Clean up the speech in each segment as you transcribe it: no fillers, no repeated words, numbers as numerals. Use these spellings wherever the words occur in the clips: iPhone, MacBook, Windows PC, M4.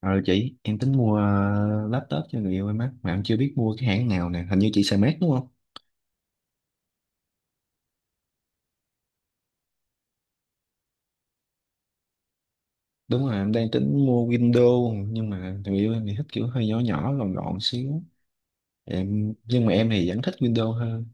Ờ chị, em tính mua laptop cho người yêu em á, mà em chưa biết mua cái hãng nào nè, hình như chị xài Mac đúng không? Đúng rồi, em đang tính mua Windows, nhưng mà người yêu em thì thích kiểu hơi nhỏ nhỏ, gọn gọn xíu. Nhưng mà em thì vẫn thích Windows hơn.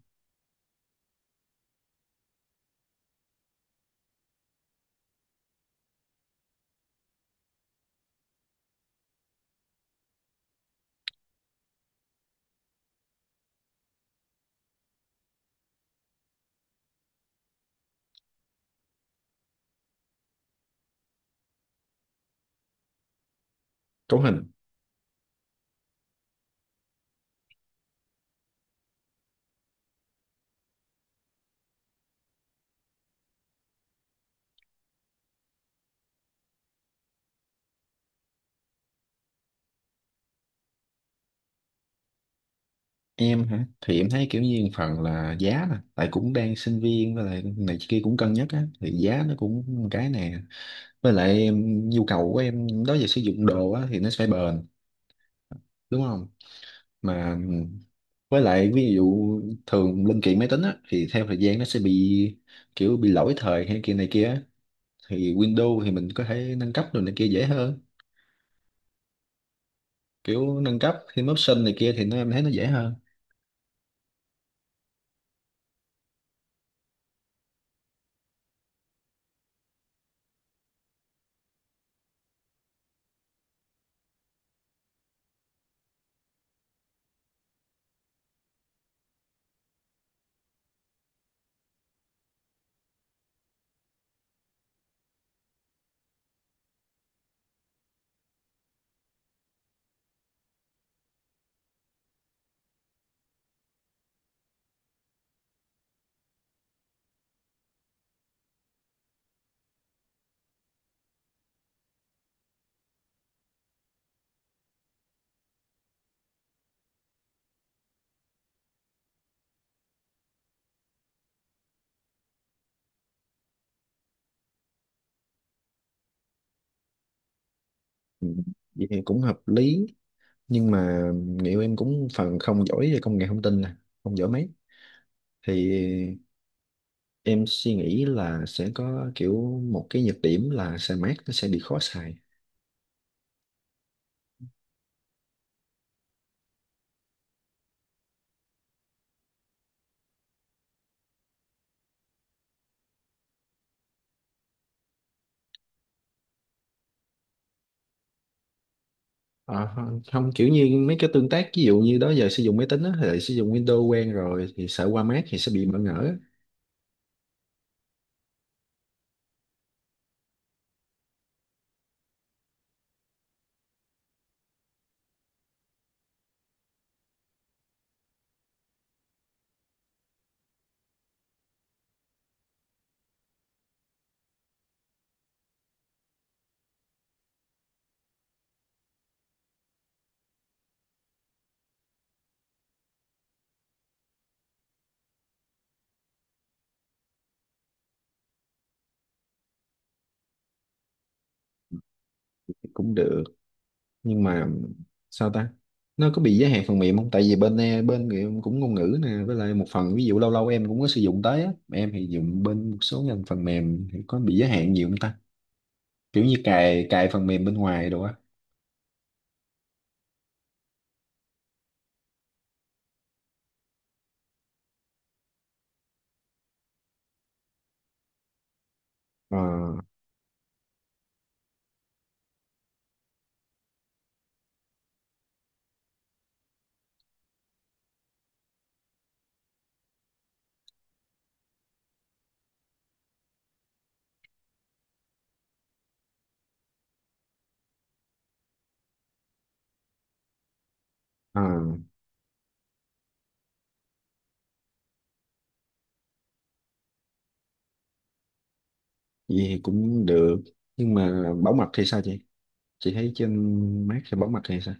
Cấu hình. Em hả? Thì em thấy kiểu như một phần là giá nè, tại cũng đang sinh viên với lại này kia cũng cân nhắc á, thì giá nó cũng một cái nè. Với lại nhu cầu của em đó giờ sử dụng đồ á, thì nó phải bền, đúng không? Mà với lại ví dụ thường linh kiện máy tính á, thì theo thời gian nó sẽ bị kiểu bị lỗi thời hay kia này kia á. Thì Windows thì mình có thể nâng cấp rồi này kia dễ hơn, kiểu nâng cấp thêm option này kia thì nó em thấy nó dễ hơn. Ừ, vậy thì cũng hợp lý. Nhưng mà liệu em cũng phần không giỏi về công nghệ thông tin nè, không giỏi mấy, thì em suy nghĩ là sẽ có kiểu một cái nhược điểm là xe mát nó sẽ bị khó xài. Ờ, Không không, kiểu như mấy cái tương tác ví dụ như đó giờ sử dụng máy tính á, thì lại sử dụng Windows quen rồi thì sợ qua Mac thì sẽ bị bỡ ngỡ. Thì cũng được, nhưng mà sao ta, nó có bị giới hạn phần mềm không, tại vì bên bên em cũng ngôn ngữ nè, với lại một phần ví dụ lâu lâu em cũng có sử dụng tới á, em thì dùng bên một số ngành phần mềm thì có bị giới hạn nhiều không ta, kiểu như cài cài phần mềm bên ngoài đồ á. ờ ờ, Vậy thì cũng được. Nhưng mà bảo mật thì sao chị thấy trên Mac thì bảo mật thì sao?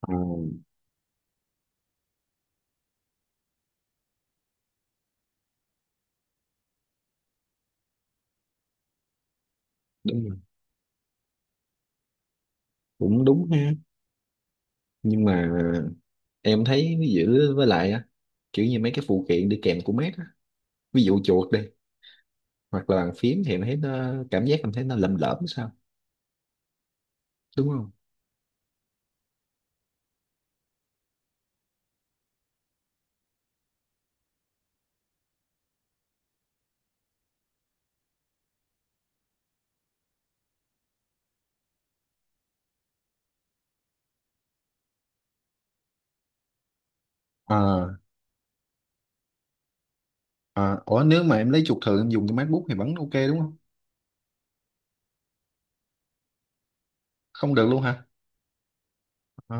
Ờ, đúng. Cũng đúng ha. Nhưng mà em thấy ví dụ, với lại á kiểu như mấy cái phụ kiện đi kèm của Mac á, ví dụ chuột đi, hoặc là bàn phím thì em thấy nó cảm giác em thấy nó lầm lỡm sao, đúng không? à, Ủa nếu mà em lấy chuột thường em dùng cái MacBook thì vẫn ok đúng không? Không được luôn hả? à,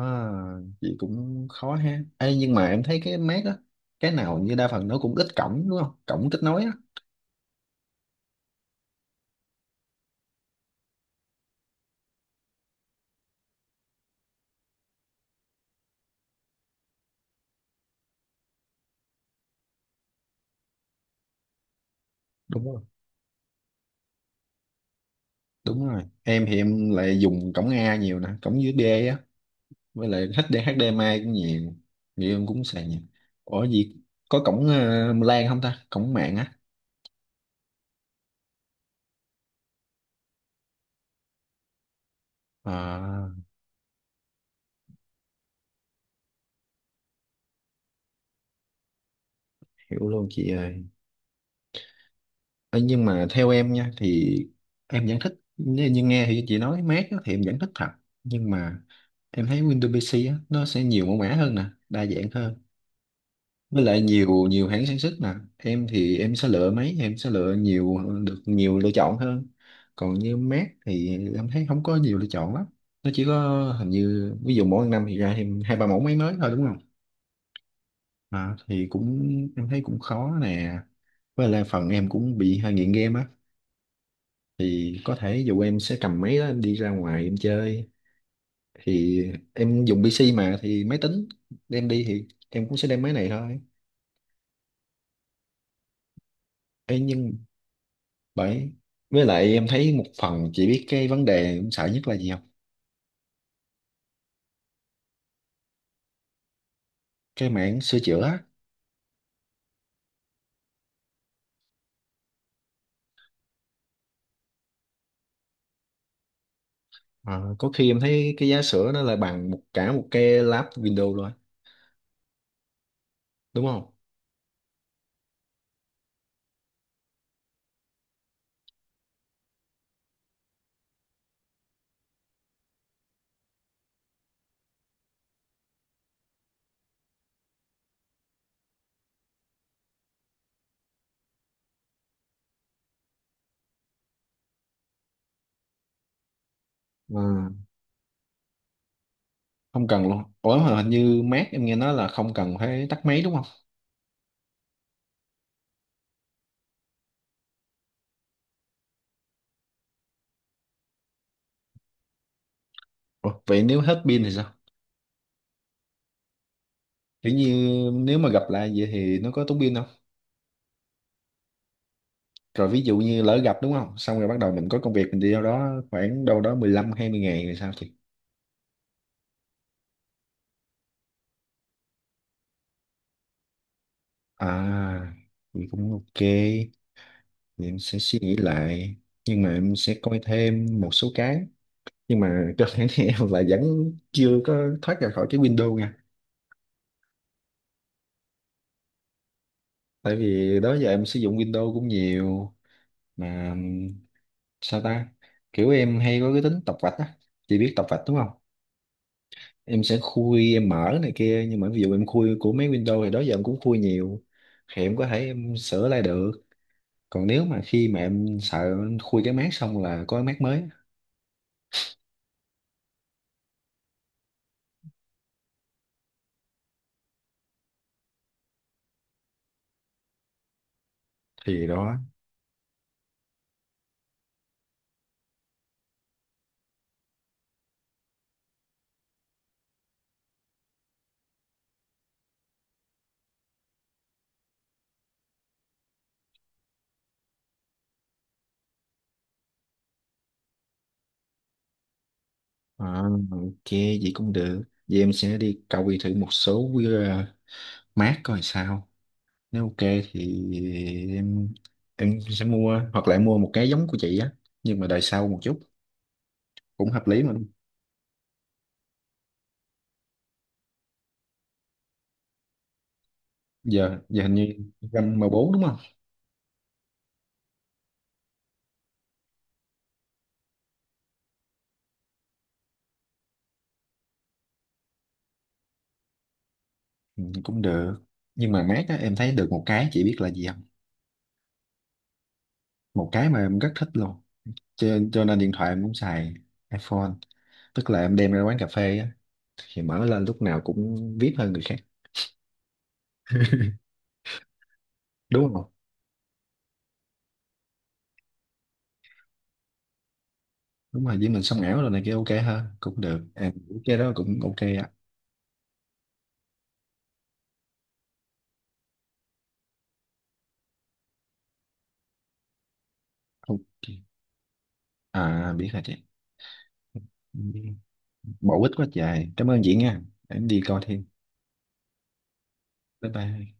Vậy cũng khó ha. Ê, nhưng mà em thấy cái Mac á, cái nào như đa phần nó cũng ít cổng đúng không, cổng kết nối á? Đúng rồi, đúng rồi, em thì em lại dùng cổng A nhiều nè, cổng USB á, với lại HD mai cũng nhiều, người yêu em cũng xài nhiều. Ủa gì, có cổng LAN không ta, cổng mạng á? à, Hiểu luôn chị ơi. Ê, nhưng mà theo em nha thì em vẫn thích, nếu như nghe thì chị nói mát á, thì em vẫn thích thật. Nhưng mà em thấy Windows PC á, nó sẽ nhiều mẫu mã hơn nè, đa dạng hơn, với lại nhiều nhiều hãng sản xuất nè, em thì em sẽ lựa mấy, em sẽ lựa nhiều, được nhiều lựa chọn hơn. Còn như Mac thì em thấy không có nhiều lựa chọn lắm, nó chỉ có hình như ví dụ mỗi năm thì ra thêm hai ba mẫu máy mới thôi đúng không? Thì cũng em thấy cũng khó nè, với lại phần em cũng bị hơi nghiện game á, thì có thể dù em sẽ cầm máy đó em đi ra ngoài em chơi, thì em dùng PC mà thì máy tính đem đi thì em cũng sẽ đem máy này thôi. Ê, nhưng bởi với lại em thấy một phần, chị biết cái vấn đề em sợ nhất là gì không? Cái mảng sửa chữa á. Ờ, có khi em thấy cái giá sửa nó là bằng một, cả một cái lab Windows luôn á, đúng không? Ừ. Không cần luôn. Ủa mà hình như Mac em nghe nói là không cần phải tắt máy đúng không? Ủa, vậy nếu hết pin thì sao? Kiểu như nếu mà gặp lại vậy thì nó có tốn pin không? Rồi ví dụ như lỡ gặp đúng không, xong rồi bắt đầu mình có công việc mình đi đâu đó khoảng đâu đó 15-20 ngày rồi sao thì? à thì cũng ok, thì em sẽ suy nghĩ lại. Nhưng mà em sẽ coi thêm một số cái, nhưng mà cơ bản thì em là vẫn chưa có thoát ra khỏi cái Windows nha. Tại vì đó giờ em sử dụng Windows cũng nhiều mà. Sao ta, kiểu em hay có cái tính tập vạch á, chị biết tập vạch đúng không? Em sẽ khui em mở này kia, nhưng mà ví dụ em khui của mấy Windows thì đó giờ em cũng khui nhiều, thì em có thể em sửa lại được. Còn nếu mà khi mà em sợ em khui cái mát xong là có cái mát mới, thì đó. À, ok, vậy cũng được. Vậy em sẽ đi cầu thử một số QR mát coi sao. Nếu ok thì em em sẽ mua, hoặc là em mua một cái giống của chị á, nhưng mà đời sau một chút cũng hợp lý mà. Giờ giờ hình như gam M4 đúng không? Ừ, cũng được. Nhưng mà mát á em thấy được một cái chị biết là gì không? Một cái mà em rất thích luôn. Cho, cho nên điện thoại em cũng xài iPhone, tức là em đem ra quán cà phê á thì mở lên lúc nào cũng VIP hơn người khác, đúng không? Đúng rồi, với mình sống ảo rồi này kia, ok ha, cũng được. Cái đó cũng ok á. Ok. Biết rồi chị, bổ ích quá trời, cảm ơn chị nha, em đi coi thêm, bye bye.